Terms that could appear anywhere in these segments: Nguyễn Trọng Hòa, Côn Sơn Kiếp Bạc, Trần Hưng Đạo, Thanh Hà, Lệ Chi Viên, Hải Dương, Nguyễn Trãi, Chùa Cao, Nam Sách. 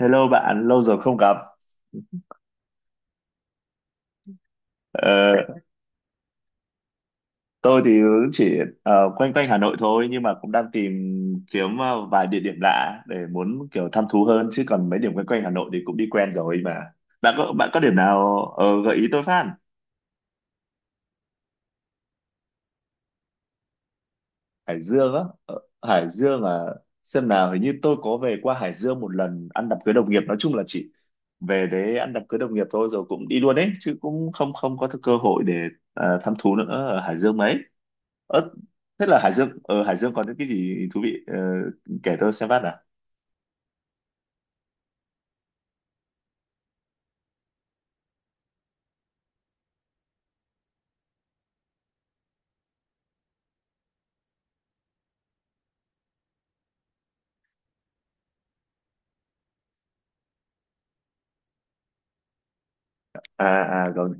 Hello bạn, lâu rồi không gặp. Ờ, tôi thì cũng chỉ quanh quanh Hà Nội thôi nhưng mà cũng đang tìm kiếm vài địa điểm lạ để muốn kiểu thăm thú hơn chứ còn mấy điểm quanh quanh Hà Nội thì cũng đi quen rồi mà. Bạn có điểm nào gợi ý tôi phát? Hải Dương á? Ờ, Hải Dương à, xem nào, hình như tôi có về qua Hải Dương một lần ăn đám cưới đồng nghiệp. Nói chung là chỉ về đấy ăn đám cưới đồng nghiệp thôi rồi cũng đi luôn đấy chứ cũng không không có cơ hội để thăm thú nữa ở Hải Dương mấy ớt. Thế là Hải Dương ở Hải Dương có những cái gì thú vị? Ờ, kể tôi xem phát à. À, à còn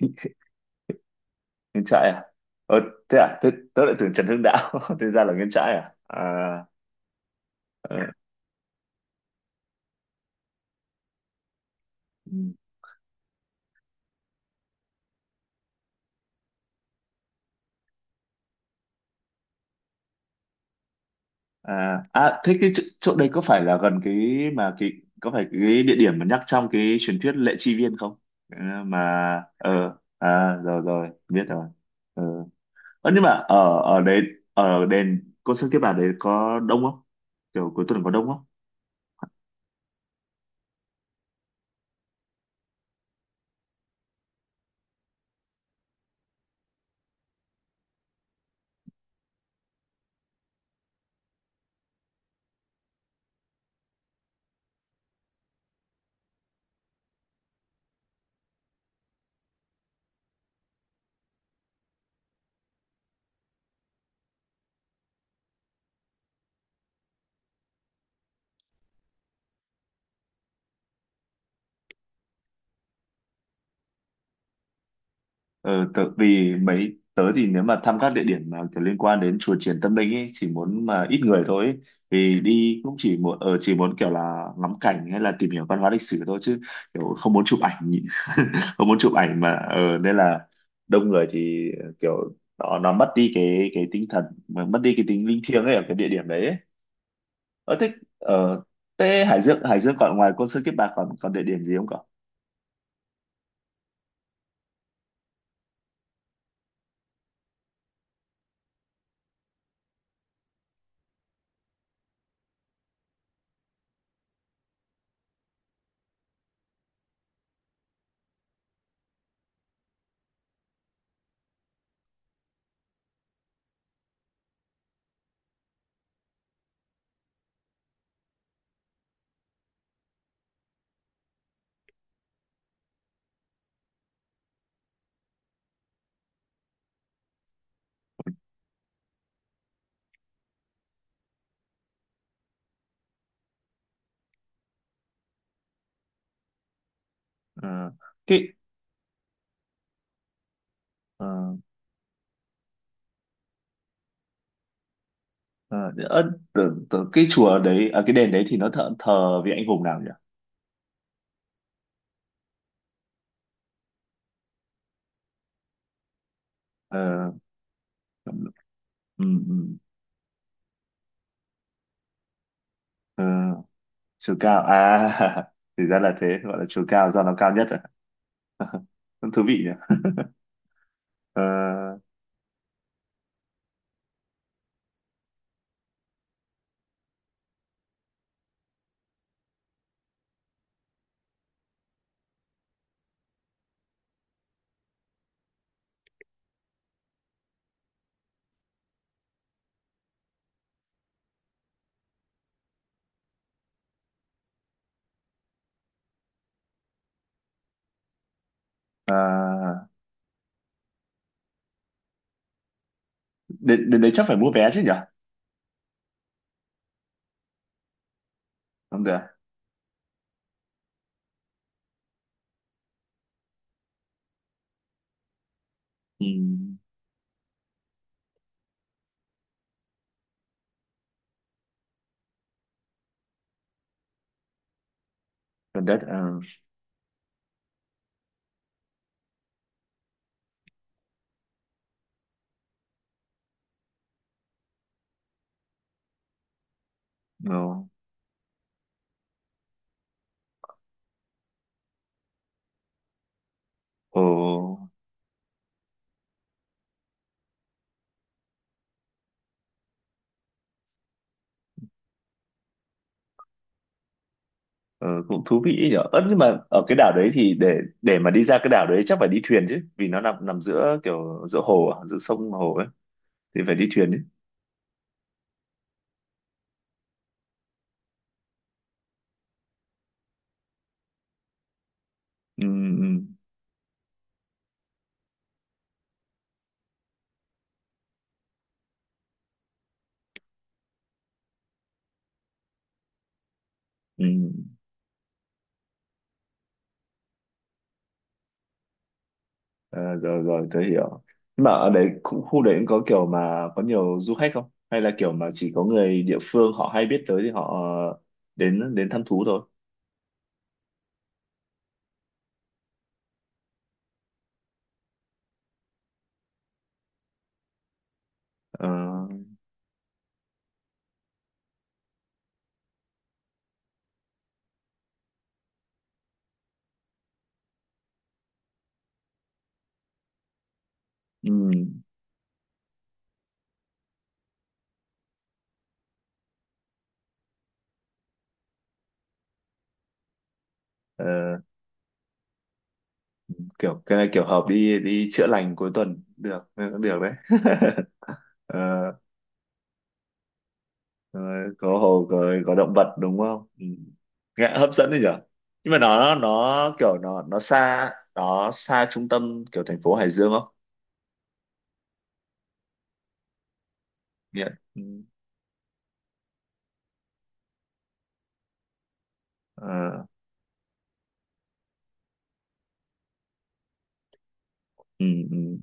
Nguyễn Trãi à. Ờ, thế à, thế tớ lại tưởng Trần Hưng Đạo thế ra là Nguyễn Trãi à à. Ờ, ừ. À, à thế cái chỗ đấy có phải là gần cái mà cái, có phải cái địa điểm mà nhắc trong cái truyền thuyết Lệ Chi Viên không? Ờ, mà ờ, à rồi rồi biết rồi. Ờ. Ờ, nhưng mà ở ở đấy, ở đền cô sơn kiếp bạc đấy có đông không, kiểu cuối tuần có đông không? Ờ, tớ, vì mấy tớ thì nếu mà thăm các địa điểm mà kiểu liên quan đến chùa Triển Tâm Linh ấy chỉ muốn mà ít người thôi ấy. Vì đi cũng chỉ muốn ở chỉ muốn kiểu là ngắm cảnh hay là tìm hiểu văn hóa lịch sử thôi chứ kiểu không muốn chụp ảnh không muốn chụp ảnh mà nên là đông người thì kiểu nó mất đi cái tinh thần mà mất đi cái tính linh thiêng ấy ở cái địa điểm đấy ấy. Ờ, thích ở Tê Hải Dương. Hải Dương còn ngoài Côn Sơn Kiếp Bạc còn còn địa điểm gì không cậu? Ờ, cái ờ, ờ, ớ, tưởng cái chùa đấy à, cái đền đấy thì nó thờ vị anh hùng nào nhỉ? Ờ, ừ, ừ, ờ, chùa Cao à? Thì ra là thế, gọi là chùa Cao do nó cao nhất à? Cũng thú vị nhỉ. Ờ, à, đến đấy chắc phải mua vé chứ nhỉ? Không được à? Ừ, gần đất. Ờ, no. Ồ. Ờ, cũng thú vị nhở. Ơ nhưng mà ở cái đảo đấy thì để mà đi ra cái đảo đấy chắc phải đi thuyền chứ, vì nó nằm nằm giữa kiểu giữa hồ, à, giữa sông hồ ấy thì phải đi thuyền chứ. Ừ, ừ, ừ. Ờ, rồi rồi tớ hiểu. Nhưng mà ở đấy khu đấy cũng có kiểu mà có nhiều du khách không? Hay là kiểu mà chỉ có người địa phương họ hay biết tới thì họ đến đến thăm thú thôi. Ờ, ừ, ờ, kiểu cái này kiểu hợp đi đi chữa lành cuối tuần được, cũng được đấy. Ờ, rồi, có hồ rồi có động vật đúng không? Ừ, nghe hấp dẫn đấy nhở. Nhưng mà nó kiểu nó nó xa, nó xa trung tâm kiểu thành phố Hải Dương không? Nghiện. Ừ. Ờ, ừ, ừ.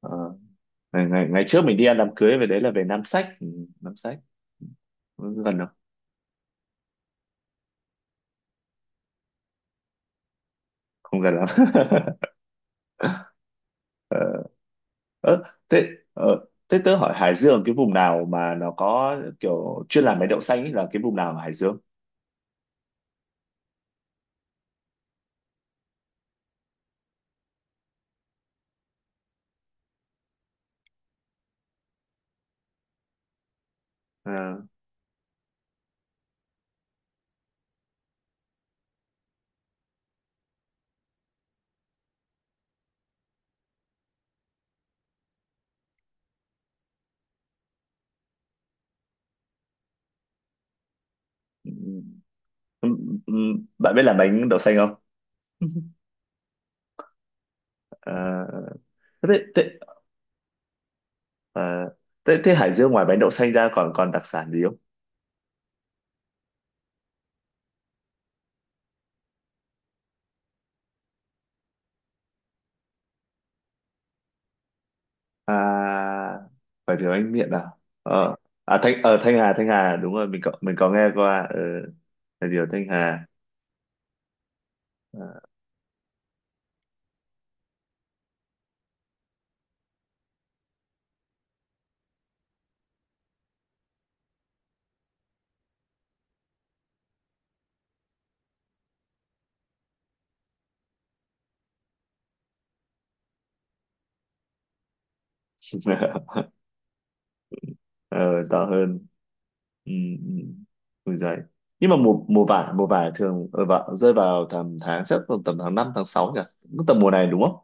Ờ. Ngày, ngày Ngày trước mình đi ăn đám cưới về đấy là về Nam Sách. Ừ. Nam Sách. Ừ, gần không? Không gần lắm. Ờ. Ờ, thế ờ, thế tớ hỏi Hải Dương cái vùng nào mà nó có kiểu chuyên làm mấy đậu xanh ấy là cái vùng nào ở Hải Dương? À. Bạn biết làm bánh đậu xanh không? À, thế, thế, à, thế, thế Hải Dương ngoài bánh đậu xanh ra còn còn đặc sản gì không? À, phải thử bánh miệng nào? Ờ, à, ở Thanh Hà, Thanh Hà, đúng rồi, mình có nghe qua, ờ, là điều Thanh Hà. Ờ, to hơn, ừ, ừ, ui giời. Nhưng mà mùa mùa vải thường vào, rơi vào tầm tháng, chắc tầm tầm tháng 5 tháng 6 nhỉ? Cũng tầm mùa này đúng không?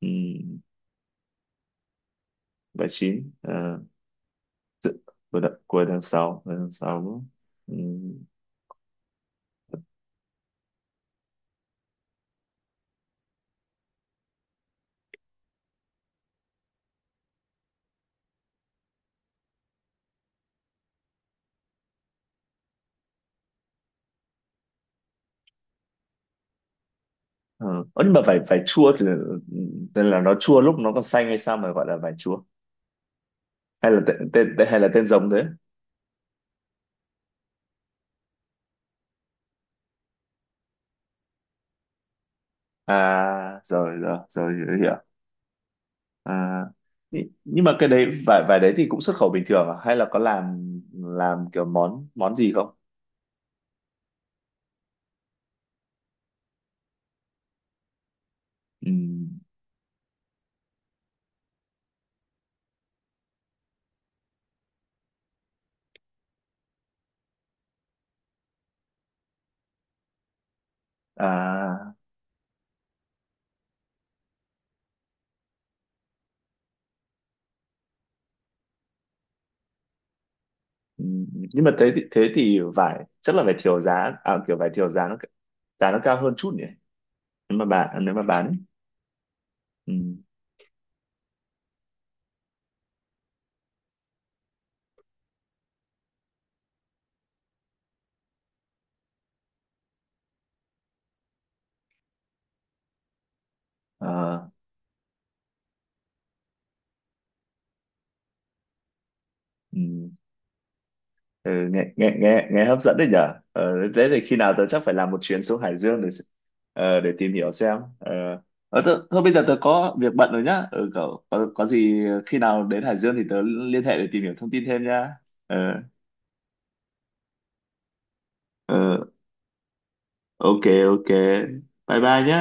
Ừ, bảy chín ờ. Cuối tháng sáu, cuối tháng sáu. Ừ. Ờ. Ơ, nhưng mà vải vải chua thì tên là nó chua lúc nó còn xanh hay sao mà gọi là vải chua, hay là tên, tên tên- hay là tên giống thế? À rồi rồi rồi hiểu. À, nhị- nhưng mà cái đấy vải vải đấy thì cũng xuất khẩu bình thường à? Hay là có làm kiểu món món gì không? Ừ. À, ừ. Nhưng mà thế thì vải chắc là vải thiều giá à, kiểu vải thiều giá nó cao hơn chút nhỉ, nếu mà bán. Ừ. Ờ. Ừ. Ừ, nghe, nghe hấp dẫn đấy nhở. Ờ, thế thì khi nào tớ chắc phải làm một chuyến xuống Hải Dương để s- ờ, để tìm hiểu xem ờ, ờ, tớ, thôi bây giờ tớ có việc bận rồi nhá. Ừ, có gì khi nào đến Hải Dương thì tớ liên hệ để tìm hiểu thông tin thêm nhá. Ờ, ờ, ok, ok, bye bye nhá.